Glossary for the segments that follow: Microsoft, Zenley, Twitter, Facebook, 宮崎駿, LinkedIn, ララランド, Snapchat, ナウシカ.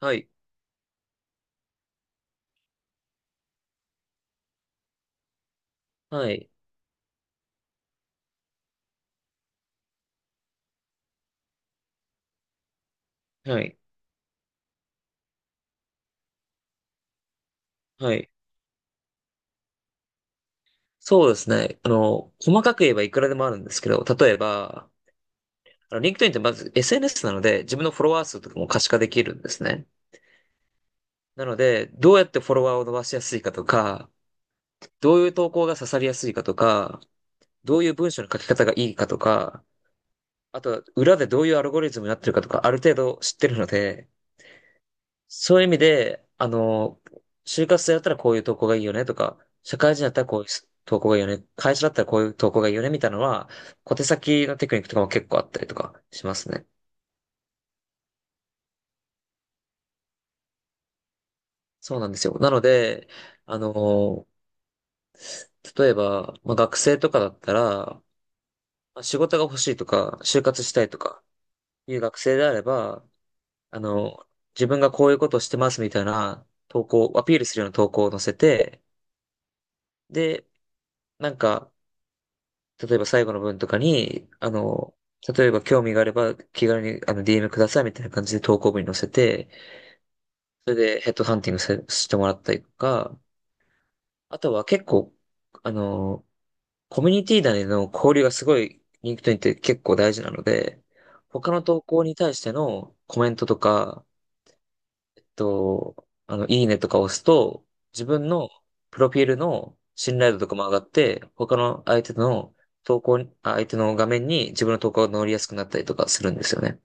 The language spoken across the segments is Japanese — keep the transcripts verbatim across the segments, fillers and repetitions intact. はい。はい。はい。はい。そうですね。あの、細かく言えばいくらでもあるんですけど、例えば、あの、LinkedIn ってまず エスエヌエス なので、自分のフォロワー数とかも可視化できるんですね。なので、どうやってフォロワーを伸ばしやすいかとか、どういう投稿が刺さりやすいかとか、どういう文章の書き方がいいかとか、あと、裏でどういうアルゴリズムになってるかとか、ある程度知ってるので、そういう意味で、あの、就活生だったらこういう投稿がいいよねとか、社会人だったらこういう投稿がいいよね、会社だったらこういう投稿がいいよねみたいなのは、小手先のテクニックとかも結構あったりとかしますね。そうなんですよ。なので、あの、例えば、まあ、学生とかだったら、まあ仕事が欲しいとか、就活したいとかいう学生であれば、あの、自分がこういうことをしてますみたいな投稿、アピールするような投稿を載せて、で、なんか、例えば最後の文とかに、あの、例えば興味があれば気軽にあの ディーエム くださいみたいな感じで投稿文に載せて、それでヘッドハンティングせしてもらったりとか、あとは結構、あの、コミュニティ内での交流がすごい LinkedIn って結構大事なので、他の投稿に対してのコメントとか、と、あの、いいねとか押すと、自分のプロフィールの信頼度とかも上がって、他の相手の投稿に、あ相手の画面に自分の投稿が載りやすくなったりとかするんですよね。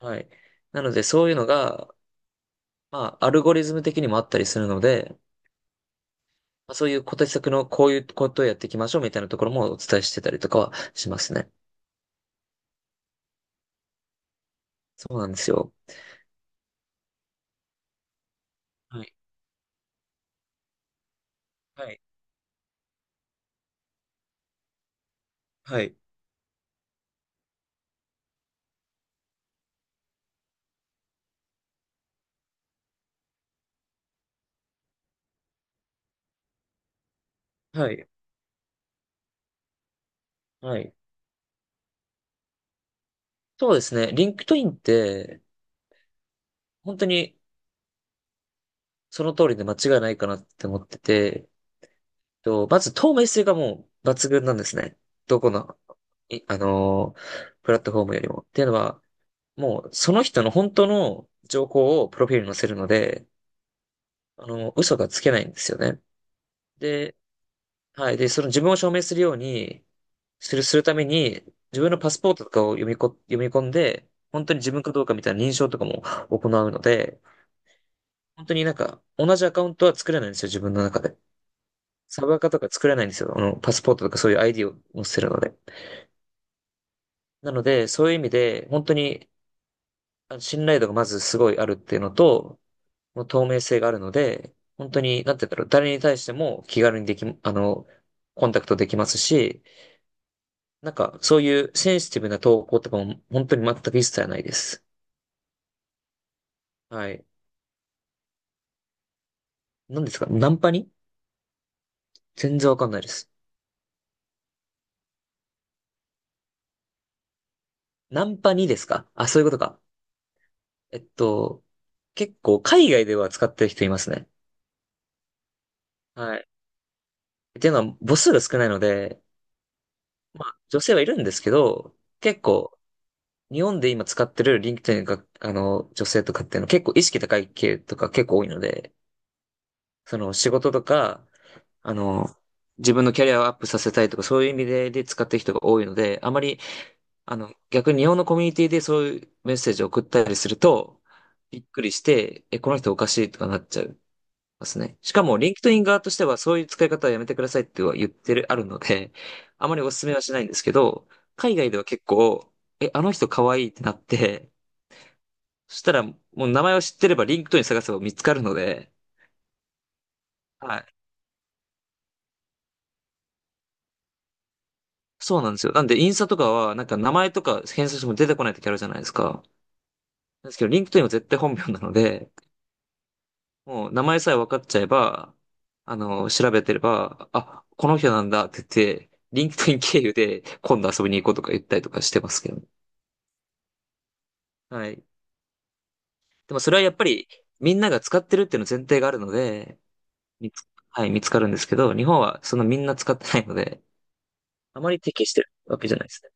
はい。なので、そういうのが、まあ、アルゴリズム的にもあったりするので、まあ、そういう小手先のこういうことをやっていきましょうみたいなところもお伝えしてたりとかはしますね。そうなんですよ。はい。はい。はい。はい。はい。そうですね。リンクトインって、本当にその通りで間違いないかなって思ってて、えっと、まず透明性がもう抜群なんですね。どこの、いあのープラットフォームよりも。っていうのは、もうその人の本当の情報をプロフィールに載せるので、あの、嘘がつけないんですよね。で、はい。で、その自分を証明するように、する、するために、自分のパスポートとかを読みこ、読み込んで、本当に自分かどうかみたいな認証とかも行うので、本当になんか、同じアカウントは作れないんですよ、自分の中で。サブアカとか作れないんですよ。あの、パスポートとかそういう アイディー を載せるので。なので、そういう意味で、本当にあの信頼度がまずすごいあるっていうのと、もう透明性があるので、本当に、なんて言うんだろう、誰に対しても気軽にでき、あの、コンタクトできますし、なんか、そういうセンシティブな投稿とかも本当に全く一切ないです。はい。何ですか？ナンパに？全然わかんないです。ナンパにですかあ？そういうことか。えっと、結構海外では使ってる人いますね。はい。っていうのは母数が少ないので、まあ女性はいるんですけど、結構日本で今使ってるリンク k e ン i が、あの、女性とかっていうのは結構意識高い系とか結構多いので、その仕事とか、あの、自分のキャリアをアップさせたいとかそういう意味で、で使ってる人が多いので、あまり、あの、逆に日本のコミュニティでそういうメッセージを送ったりすると、びっくりして、え、この人おかしいとかなっちゃうますね。しかも、リンクトイン側としては、そういう使い方はやめてくださいっては言ってる、あるので、あまりお勧めはしないんですけど、海外では結構、え、あの人可愛いってなって、そしたら、もう名前を知ってれば、リンクトイン探せば見つかるので、はい。そうなんですよ。なんで、インスタとかは、なんか名前とか検索しても出てこない時あるじゃないですか。なんですけど、リンクトインは絶対本名なので、もう名前さえ分かっちゃえば、あの、調べてれば、あ、この人なんだって言って、リンクトイン経由で今度遊びに行こうとか言ったりとかしてますけどね。はい。でもそれはやっぱりみんなが使ってるっていうの前提があるので、見つ、はい、見つかるんですけど、日本はそのみんな使ってないので、あまり適してるわけじゃないですね。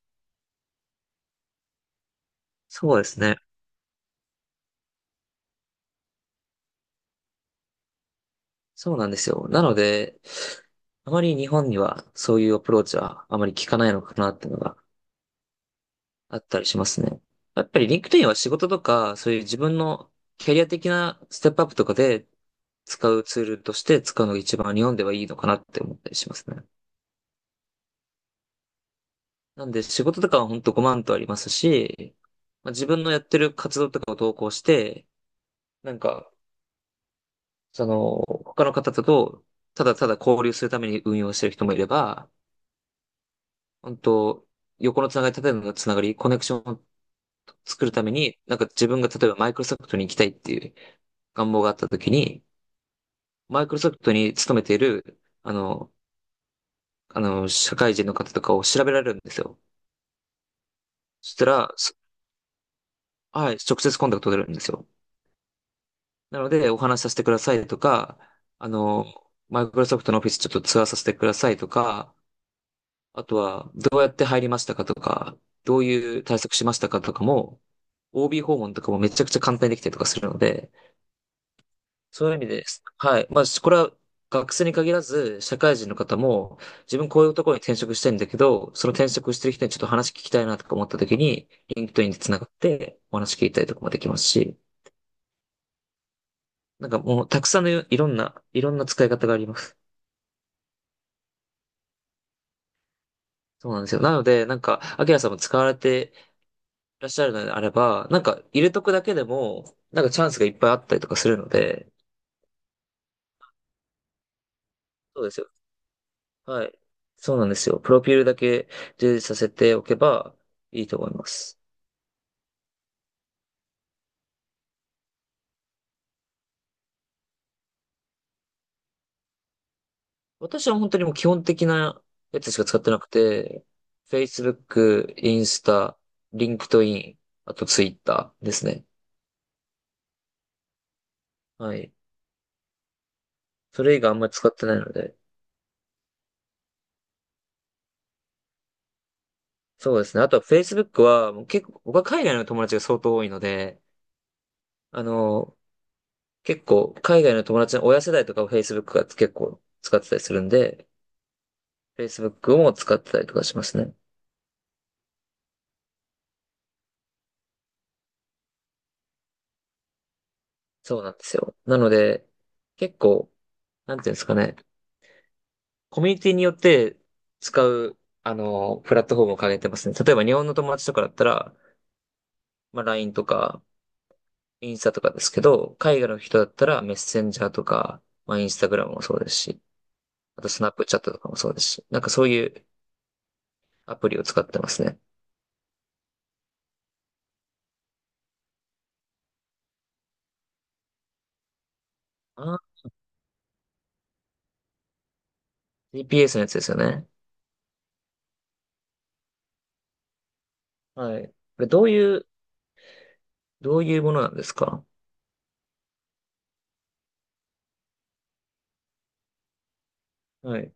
そうですね。そうなんですよ。なので、あまり日本にはそういうアプローチはあまり効かないのかなっていうのがあったりしますね。やっぱり LinkedIn は仕事とか、そういう自分のキャリア的なステップアップとかで使うツールとして使うのが一番日本ではいいのかなって思ったりしますね。なんで仕事とかはほんとごまんとありますし、まあ、自分のやってる活動とかを投稿して、なんか、その、他の方とただただ交流するために運用してる人もいれば、本当横のつながり、縦のつながり、コネクションを作るために、なんか自分が例えばマイクロソフトに行きたいっていう願望があった時に、マイクロソフトに勤めている、あの、あの、社会人の方とかを調べられるんですよ。そしたら、そはい、直接コンタクト取れるんですよ。なので、お話しさせてくださいとか、あの、マイクロソフトのオフィスちょっとツアーさせてくださいとか、あとは、どうやって入りましたかとか、どういう対策しましたかとかも、オービー 訪問とかもめちゃくちゃ簡単にできたりとかするので、そういう意味です。はい。まあ、これは学生に限らず、社会人の方も、自分こういうところに転職したいんだけど、その転職してる人にちょっと話聞きたいなとか思った時に、リンクトインで繋がってお話聞いたりとかもできますし、なんかもうたくさんのいろんな、いろんな使い方があります。そうなんですよ。なので、なんか、アキラさんも使われていらっしゃるのであれば、なんか、入れとくだけでも、なんかチャンスがいっぱいあったりとかするので、そうですよ。はい。そうなんですよ。プロフィールだけ充実させておけばいいと思います。私は本当にもう基本的なやつしか使ってなくて、Facebook、インスタ、LinkedIn、あと Twitter ですね。はい。それ以外あんまり使ってないので。そうですね。あとは Facebook は、もう結構、僕は海外の友達が相当多いので、あの、結構、海外の友達の親世代とかを Facebook が結構使ってたりするんで、Facebook も使ってたりとかしますね。そうなんですよ。なので、結構、なんていうんですかね、コミュニティによって使う、あの、プラットフォームを変えてますね。例えば日本の友達とかだったら、まあ ライン とか、インスタとかですけど、海外の人だったらメッセンジャーとか、まあインスタグラムもそうですし、あとスナップチャットとかもそうですし、なんかそういうアプリを使ってますね。あー、ジーピーエス のやつですよね。はい。これどういう、どういうものなんですか？はい。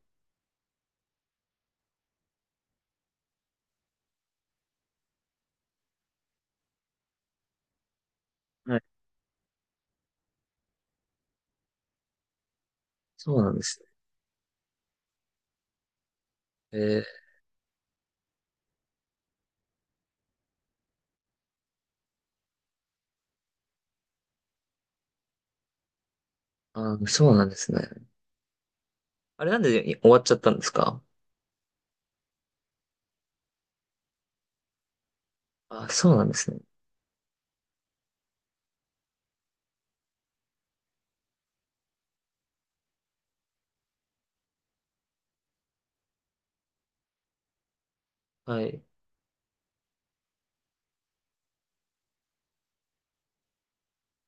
はい。そうなんですね。えー、あー、そうなんですね。あれなんでい終わっちゃったんですか？あ、そうなんですね。はい。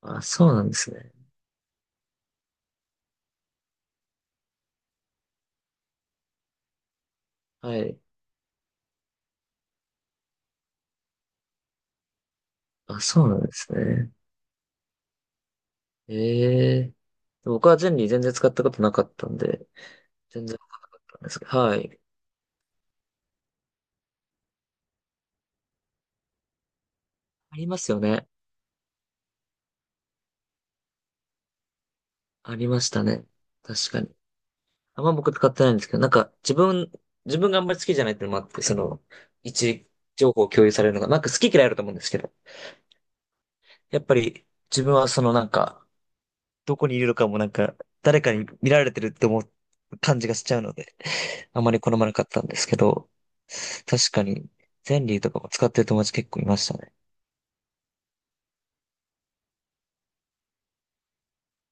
あ、そうなんですね。はい。あ、そうなんですね。ええ。僕は全理全然使ったことなかったんで、全然わかんなかったんですけど。はい。ありますよね。ありましたね。確かに。あんま僕使ってないんですけど、なんか自分、自分があんまり好きじゃないっていうのもあって、その、位置情報を共有されるのが、なんか好き嫌いあると思うんですけど、やっぱり自分はそのなんか、どこにいるのかもなんか、誰かに見られてるって思う感じがしちゃうので、あまり好まなかったんですけど、確かに、ゼンリーとかも使ってる友達結構いましたね。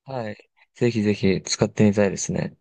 はい。ぜひぜひ使ってみたいですね。